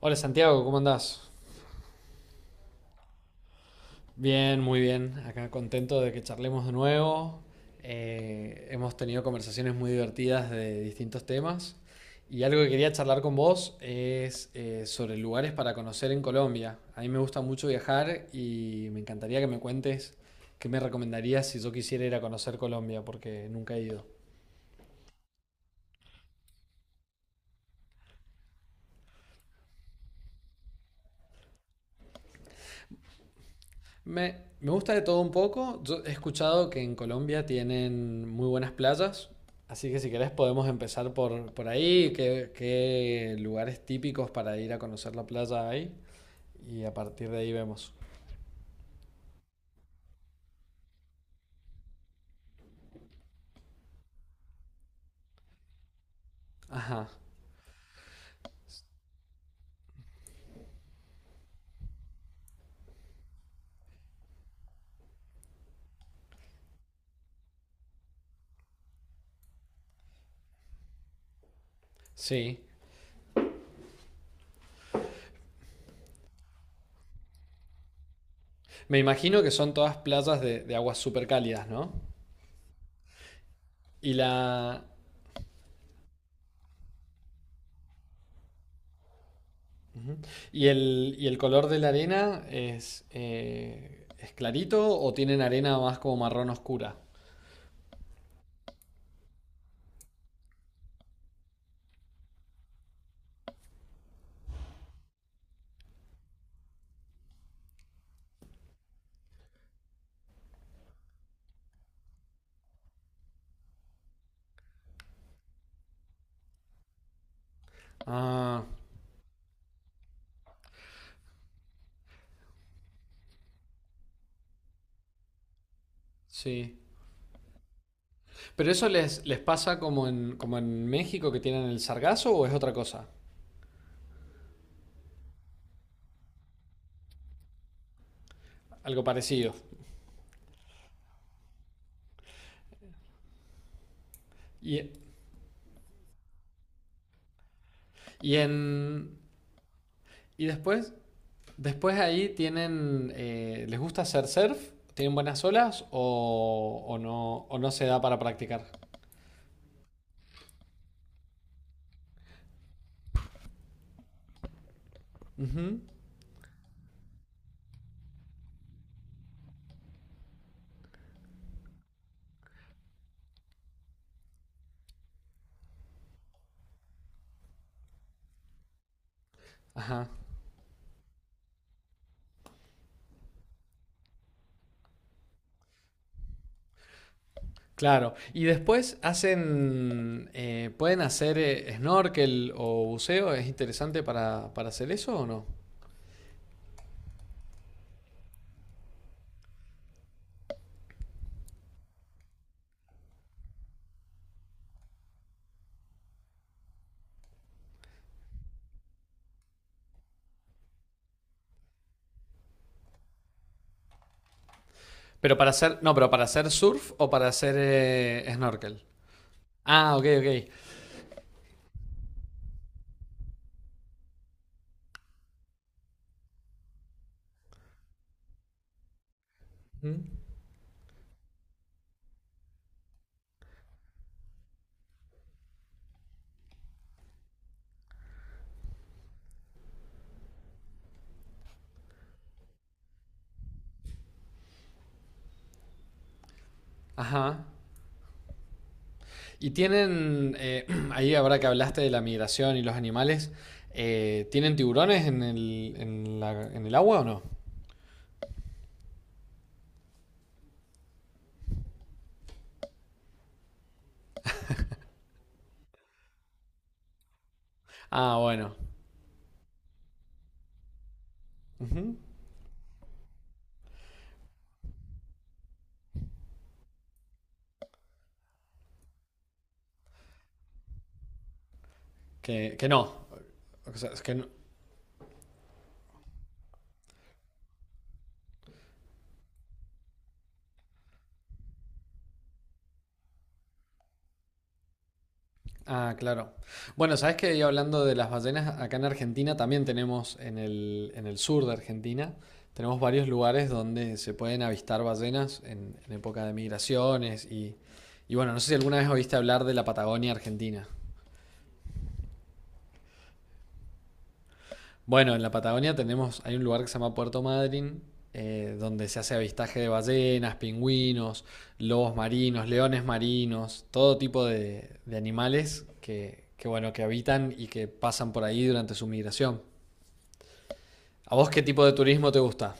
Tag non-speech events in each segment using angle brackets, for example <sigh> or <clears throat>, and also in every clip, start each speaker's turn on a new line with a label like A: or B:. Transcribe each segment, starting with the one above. A: Hola Santiago, ¿cómo andás? Bien, muy bien. Acá contento de que charlemos de nuevo. Hemos tenido conversaciones muy divertidas de distintos temas. Y algo que quería charlar con vos es sobre lugares para conocer en Colombia. A mí me gusta mucho viajar y me encantaría que me cuentes qué me recomendarías si yo quisiera ir a conocer Colombia, porque nunca he ido. Me gusta de todo un poco. Yo he escuchado que en Colombia tienen muy buenas playas, así que si querés podemos empezar por ahí, qué lugares típicos para ir a conocer la playa hay, y a partir de ahí vemos. Ajá, sí. Me imagino que son todas playas de aguas súper cálidas, ¿no? Y la, y el color de la arena es clarito o tienen arena más como marrón oscura. Ah, sí. ¿Pero eso les pasa como en, como en México que tienen el sargazo o es otra cosa? Algo parecido. Y, y en. Y después. Después ahí tienen. ¿Les gusta hacer surf? ¿Tienen buenas olas? O no se da para practicar. Ujú. Ajá. Claro. Y después hacen. ¿Pueden hacer snorkel o buceo? ¿Es interesante para hacer eso o no? Pero para hacer, no, pero para hacer surf o para hacer snorkel. Ah, ok, ok. Mm, ajá. Y tienen, <clears throat> ahí ahora que hablaste de la migración y los animales, ¿tienen tiburones en el, en el agua o no? Ah, bueno. Ujú. Que no. O sea, es que no. Ah, claro. Bueno, sabes que hablando de las ballenas, acá en Argentina también tenemos, en el sur de Argentina, tenemos varios lugares donde se pueden avistar ballenas en época de migraciones y bueno, no sé si alguna vez oíste hablar de la Patagonia Argentina. Bueno, en la Patagonia tenemos, hay un lugar que se llama Puerto Madryn, donde se hace avistaje de ballenas, pingüinos, lobos marinos, leones marinos, todo tipo de animales que, bueno, que habitan y que pasan por ahí durante su migración. ¿A vos qué tipo de turismo te gusta?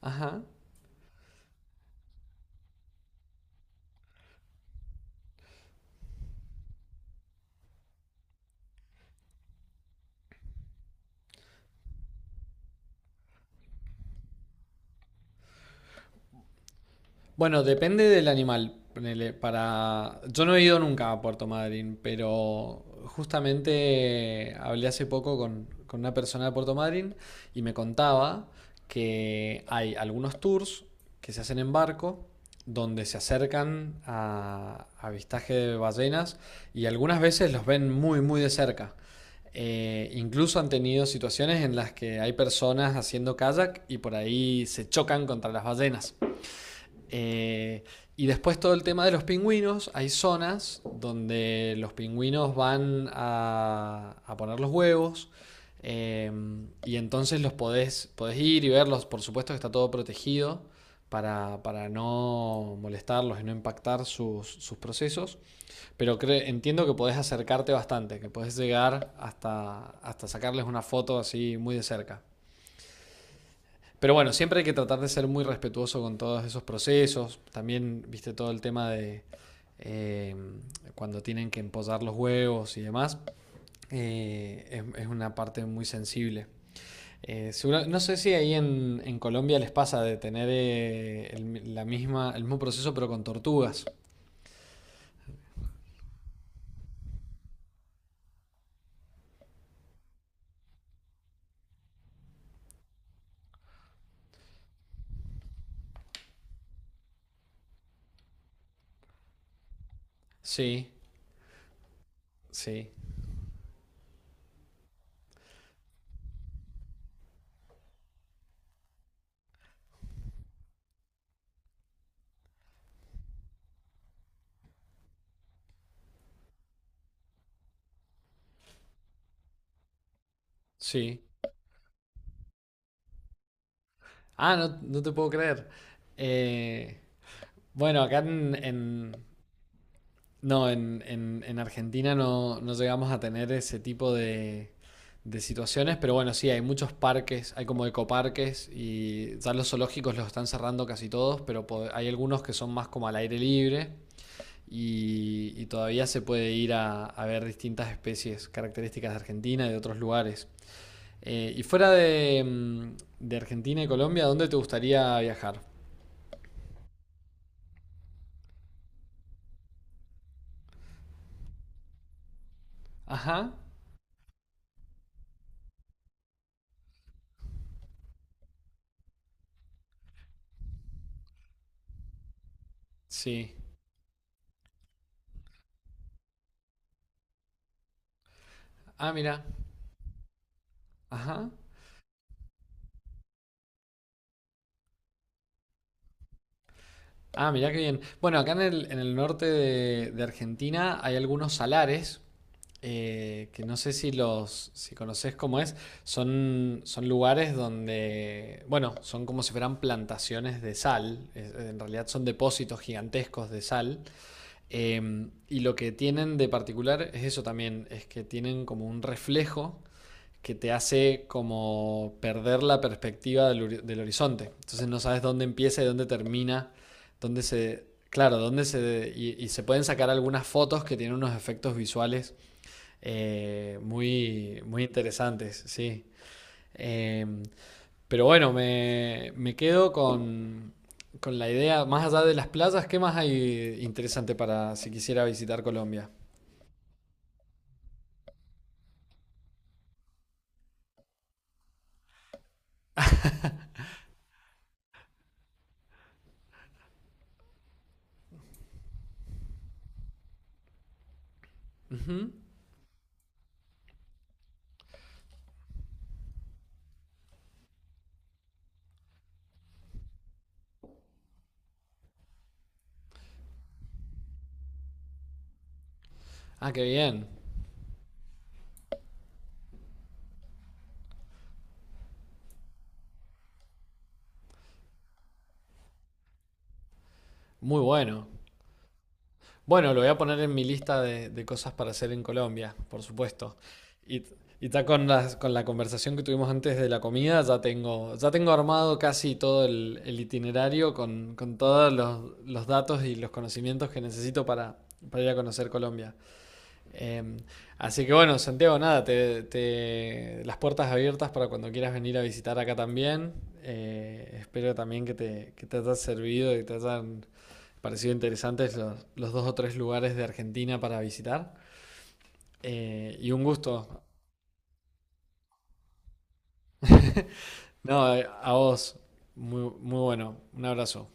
A: Ajá. Bueno, depende del animal. Ponele, para... Yo no he ido nunca a Puerto Madryn, pero justamente hablé hace poco con una persona de Puerto Madryn y me contaba que hay algunos tours que se hacen en barco donde se acercan a avistaje de ballenas y algunas veces los ven muy, muy de cerca. Incluso han tenido situaciones en las que hay personas haciendo kayak y por ahí se chocan contra las ballenas. Eh, y después todo el tema de los pingüinos, hay zonas donde los pingüinos van a poner los huevos eh, y entonces los podés, podés ir y verlos, por supuesto que está todo protegido para no molestarlos y no impactar sus, sus procesos, pero cre- entiendo que podés acercarte bastante, que podés llegar hasta, hasta sacarles una foto así muy de cerca. Pero bueno, siempre hay que tratar de ser muy respetuoso con todos esos procesos. También, viste, todo el tema de eh, cuando tienen que empollar los huevos y demás. Es una parte muy sensible. Seguro- no sé si ahí en Colombia les pasa de tener el, la misma, el mismo proceso pero con tortugas. Sí, sí, sí. Ah, no, no te puedo creer. Eh, bueno, acá en- No, en Argentina no, no llegamos a tener ese tipo de situaciones, pero bueno, sí, hay muchos parques, hay como ecoparques y ya los zoológicos los están cerrando casi todos, pero po- hay algunos que son más como al aire libre y todavía se puede ir a ver distintas especies características de Argentina y de otros lugares. Y fuera de, de Argentina y Colombia, ¿dónde te gustaría viajar? Ajá, sí. Ah, mira. Ajá. Ah, mirá qué bien. Bueno, acá en el norte de Argentina hay algunos salares que no sé si los, si conocés cómo es. Son lugares donde, bueno, son como si fueran plantaciones de sal. Es- en realidad son depósitos gigantescos de sal. Y lo que tienen de particular es eso también, es que tienen como un reflejo que te hace como perder la perspectiva del, del horizonte. Entonces no sabes dónde empieza y dónde termina, dónde se... Claro, dónde se... Y, y se pueden sacar algunas fotos que tienen unos efectos visuales muy, muy interesantes, sí. Eh, pero bueno, me quedo con la idea, más allá de las playas, ¿qué más hay interesante para si quisiera visitar Colombia? Ujú. Ah, qué bien. Muy bueno. Bueno, lo voy a poner en mi lista de cosas para hacer en Colombia, por supuesto. Y, y ya con las- con la conversación que tuvimos antes de la comida, ya tengo armado casi todo el itinerario con todos los datos y los conocimientos que necesito para ir a conocer Colombia. Em, Así que bueno, Santiago, nada, te- las puertas abiertas para cuando quieras venir a visitar acá también. Espero también que te haya servido y te hayan Pareció interesantes los dos o tres lugares de Argentina para visitar. Y un gusto. No, a vos. Muy, muy bueno. Un abrazo.